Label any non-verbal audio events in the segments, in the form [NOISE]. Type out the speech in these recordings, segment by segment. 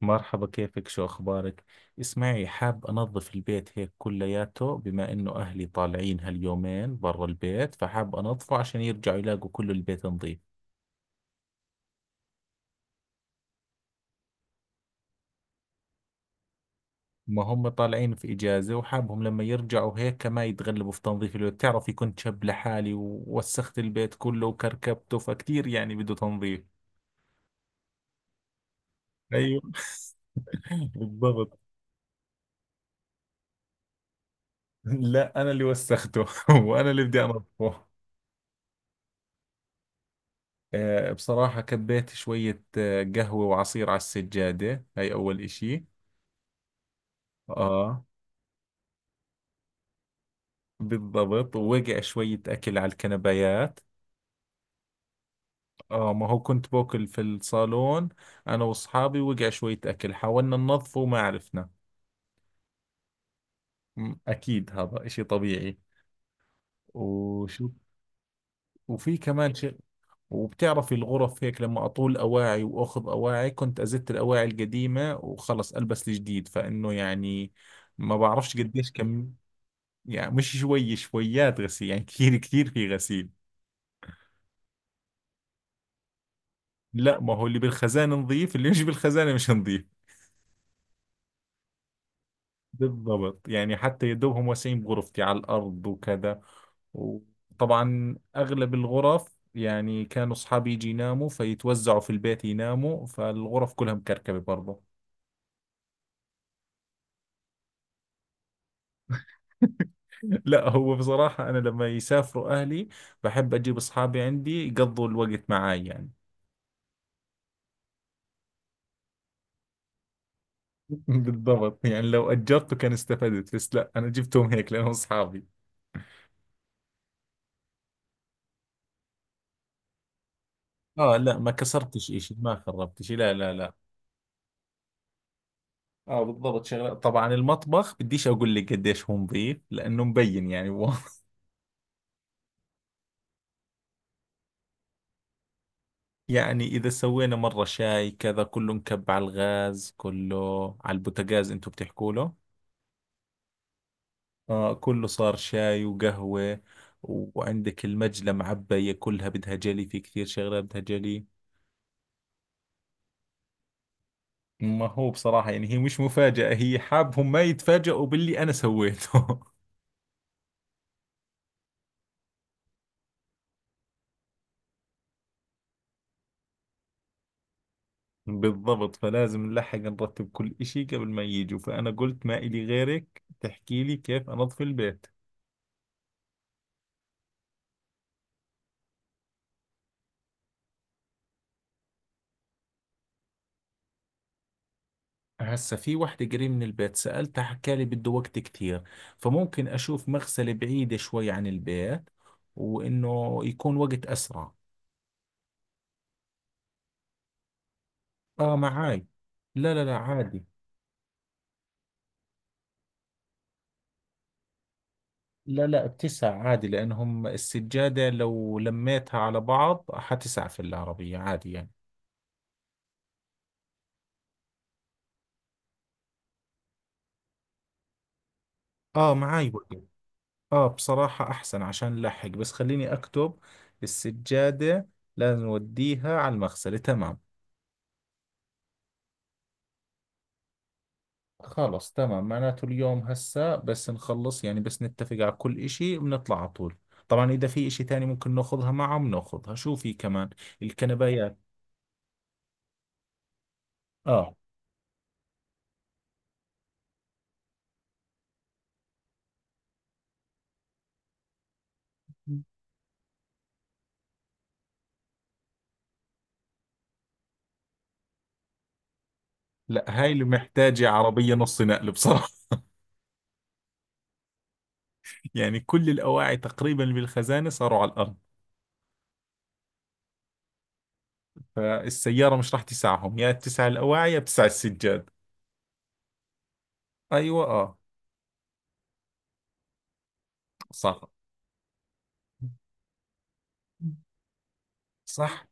مرحبا، كيفك؟ شو أخبارك؟ اسمعي، حاب أنظف البيت هيك كلياته، بما إنه أهلي طالعين هاليومين برا البيت، فحاب أنظفه عشان يرجعوا يلاقوا كل البيت نظيف. ما هم طالعين في إجازة، وحابهم لما يرجعوا هيك ما يتغلبوا في تنظيف البيت. بتعرفي كنت شاب لحالي ووسخت البيت كله وكركبته، فكتير يعني بده تنظيف. ايوه. [LAUGHS] بالضبط. لا، أنا اللي وسخته، [LAUGHS] وأنا اللي بدي أنظفه. آه، بصراحة كبيت شوية قهوة وعصير على السجادة. هاي أول إشي. آه، بالضبط. ووقع شوية أكل على الكنبايات. آه، ما هو كنت باكل في الصالون أنا وأصحابي. وقع شوية أكل حاولنا ننظفه وما عرفنا. أكيد هذا إشي طبيعي. وشو؟ وفي كمان شيء. وبتعرفي الغرف هيك لما أطول أواعي وأخذ أواعي، كنت أزت الأواعي القديمة وخلص ألبس الجديد، فإنه يعني ما بعرفش قديش كم. يعني مش شوية، شويات غسيل، يعني كثير كثير في غسيل. لا، ما هو اللي بالخزانة نظيف، اللي مش بالخزانة مش نظيف. بالضبط، يعني حتى يا دوبهم واسعين بغرفتي على الأرض وكذا. وطبعا أغلب الغرف يعني كانوا أصحابي يجي يناموا فيتوزعوا في البيت يناموا، فالغرف كلها مكركبة برضه. [LAUGHS] لا، هو بصراحة أنا لما يسافروا أهلي بحب أجيب أصحابي عندي يقضوا الوقت معاي يعني. [LAUGHS] بالضبط، يعني لو أجرته كان استفدت، بس لا، أنا جبتهم هيك لأنهم أصحابي. اه، لا، ما كسرتش اشي، ما خربت اشي، لا، لا، لا. اه، بالضبط. شغلات، طبعا المطبخ بديش اقول لك قديش هو نظيف لانه مبين يعني واضح. [LAUGHS] يعني اذا سوينا مرة شاي كذا كله مكب على الغاز، كله على البوتاجاز، انتم بتحكوا له. اه، كله صار شاي وقهوة. وعندك المجلة معبية كلها بدها جلي، في كثير شغلات بدها جلي. ما هو بصراحة يعني هي مش مفاجأة، هي حابهم ما يتفاجئوا باللي انا سويته. [LAUGHS] بالضبط، فلازم نلحق نرتب كل إشي قبل ما يجوا. فأنا قلت ما إلي غيرك تحكي لي كيف أنظف البيت. هسا في وحدة قريب من البيت سألتها حكى لي بده وقت كتير، فممكن أشوف مغسلة بعيدة شوي عن البيت، وإنه يكون وقت أسرع. آه، معاي. لا، لا، لا، عادي. لا، لا، بتسع عادي، لأنهم السجادة لو لميتها على بعض حتسع في العربية عادي يعني. آه، معاي وقت. اه، بصراحة احسن عشان نلحق، بس خليني اكتب. السجادة لازم نوديها على المغسلة. تمام. خلص، تمام، معناته اليوم هسا، بس نخلص يعني، بس نتفق على كل اشي بنطلع على طول. طبعا اذا في اشي تاني ممكن ناخذها معه بناخذها. شو في كمان؟ الكنبايات. اه، لا، هاي اللي محتاجة عربية نص نقل بصراحة. [LAUGHS] يعني كل الأواعي تقريبا اللي بالخزانة صاروا على الأرض، فالسيارة مش راح تسعهم، يا تسع الأواعي يا تسع السجاد. أيوة. آه. صح صح.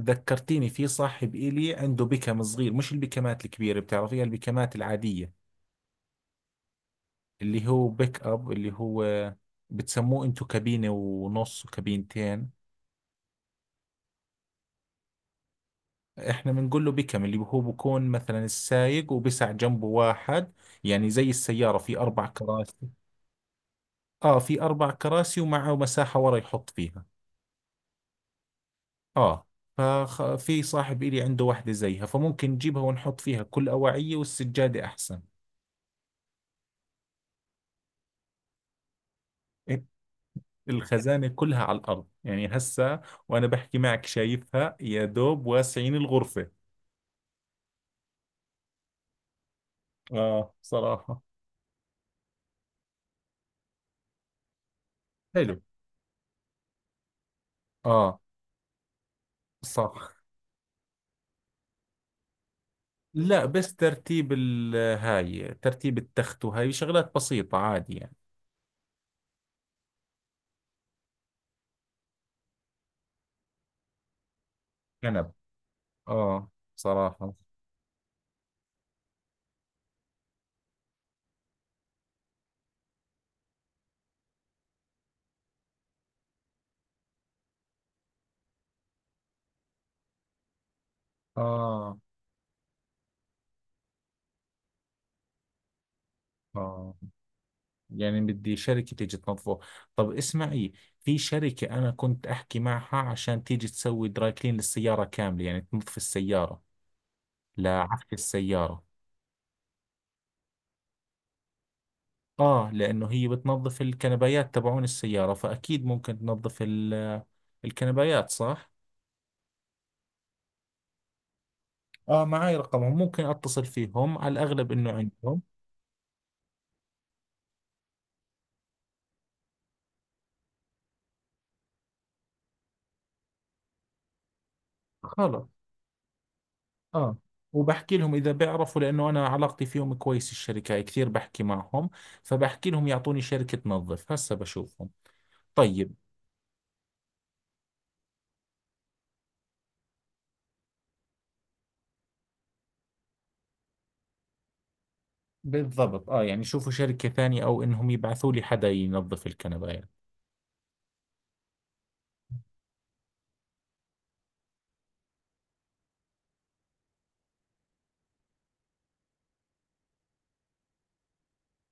ذكرتيني في صاحب إلي عنده بيكم صغير، مش البيكمات الكبيرة، بتعرفيها البيكمات العادية. اللي هو بيك أب، اللي هو بتسموه أنتو كابينة ونص وكابينتين. إحنا بنقول له بيكم، اللي هو بكون مثلا السايق وبسع جنبه واحد، يعني زي السيارة في أربع كراسي. آه، في أربع كراسي ومعه مساحة ورا يحط فيها. آه. ففي صاحب إلي عنده واحدة زيها، فممكن نجيبها ونحط فيها كل أواعية والسجادة أحسن. الخزانة كلها على الأرض يعني هسا. وأنا بحكي معك شايفها، يا دوب واسعين الغرفة. آه، صراحة. حلو. آه. صح. لا، بس ترتيب هاي ترتيب التخت، وهاي شغلات بسيطة عادي يعني. كنب. آه. صراحة. آه، آه. يعني بدي شركة تيجي تنظفه. طب اسمعي، في شركة أنا كنت أحكي معها عشان تيجي تسوي دراي كلين للسيارة كاملة، يعني تنظف السيارة، لعفش السيارة. آه، لأنه هي بتنظف الكنبايات تبعون السيارة، فأكيد ممكن تنظف الكنبايات، صح؟ آه، معي رقمهم، ممكن أتصل فيهم على الأغلب إنه عندهم. خلص. آه، وبحكي لهم إذا بيعرفوا، لأنه أنا علاقتي فيهم كويس، الشركة كثير بحكي معهم. فبحكي لهم يعطوني شركة تنظف، هسا بشوفهم. طيب. بالضبط، آه، يعني شوفوا شركة ثانية أو إنهم يبعثوا لي حدا ينظف الكنبايات.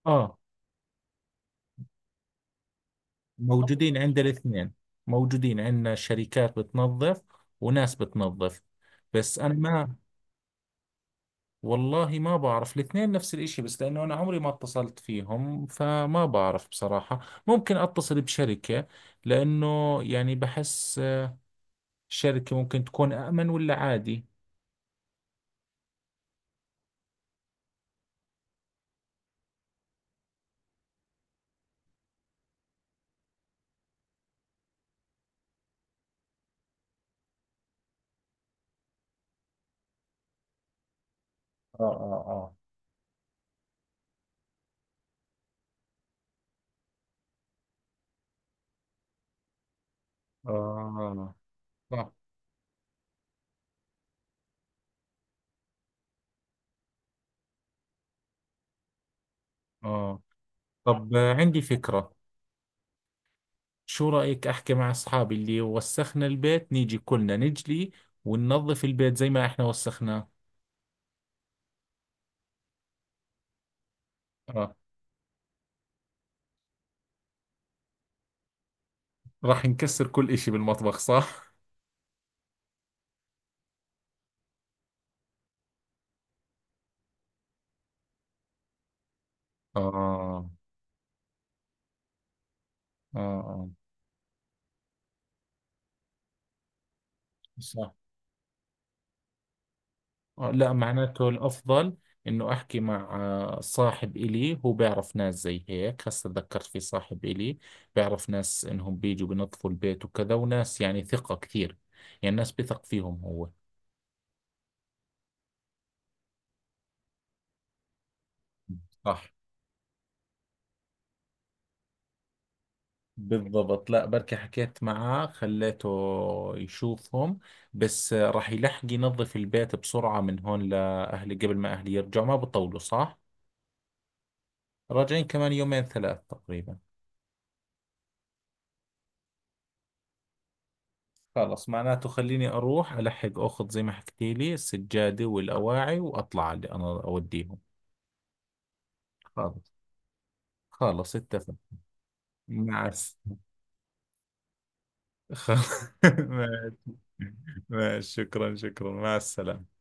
آه، موجودين عند الاثنين. موجودين عندنا شركات بتنظف، وناس بتنظف. بس أنا ما. والله ما بعرف، الاثنين نفس الإشي، بس لأنه أنا عمري ما اتصلت فيهم فما بعرف بصراحة. ممكن أتصل بشركة، لأنه يعني بحس شركة ممكن تكون أأمن ولا عادي. اه، اه، اه، آه، صح، آه. طب عندي فكرة. شو رأيك أحكي مع أصحابي اللي وسخنا البيت، نيجي كلنا نجلي وننظف البيت زي ما إحنا وسخناه. آه. راح نكسر كل إشي بالمطبخ، صح؟ آه، آه، آه، صح، آه، لا، معناته الأفضل إنه أحكي مع صاحب إلي هو بيعرف ناس زي هيك. هسا تذكرت في صاحب إلي بيعرف ناس إنهم بيجوا بنظفوا البيت وكذا، وناس يعني ثقة كثير، يعني ناس بثق فيهم هو. صح. بالضبط، لا، بركي حكيت معاه خليته يشوفهم، بس راح يلحق ينظف البيت بسرعة من هون لأهلي قبل ما أهلي يرجعوا ما بطولوا، صح؟ راجعين كمان يومين ثلاث تقريبا. خلص، معناته خليني أروح ألحق أخذ زي ما حكيتي لي السجادة والأواعي، وأطلع على اللي أنا أوديهم. خلص. خلص اتفق. مع الس- [LAUGHS] خ- [LAUGHS] ماشي. ماشي، شكرا شكرا مع السلامة.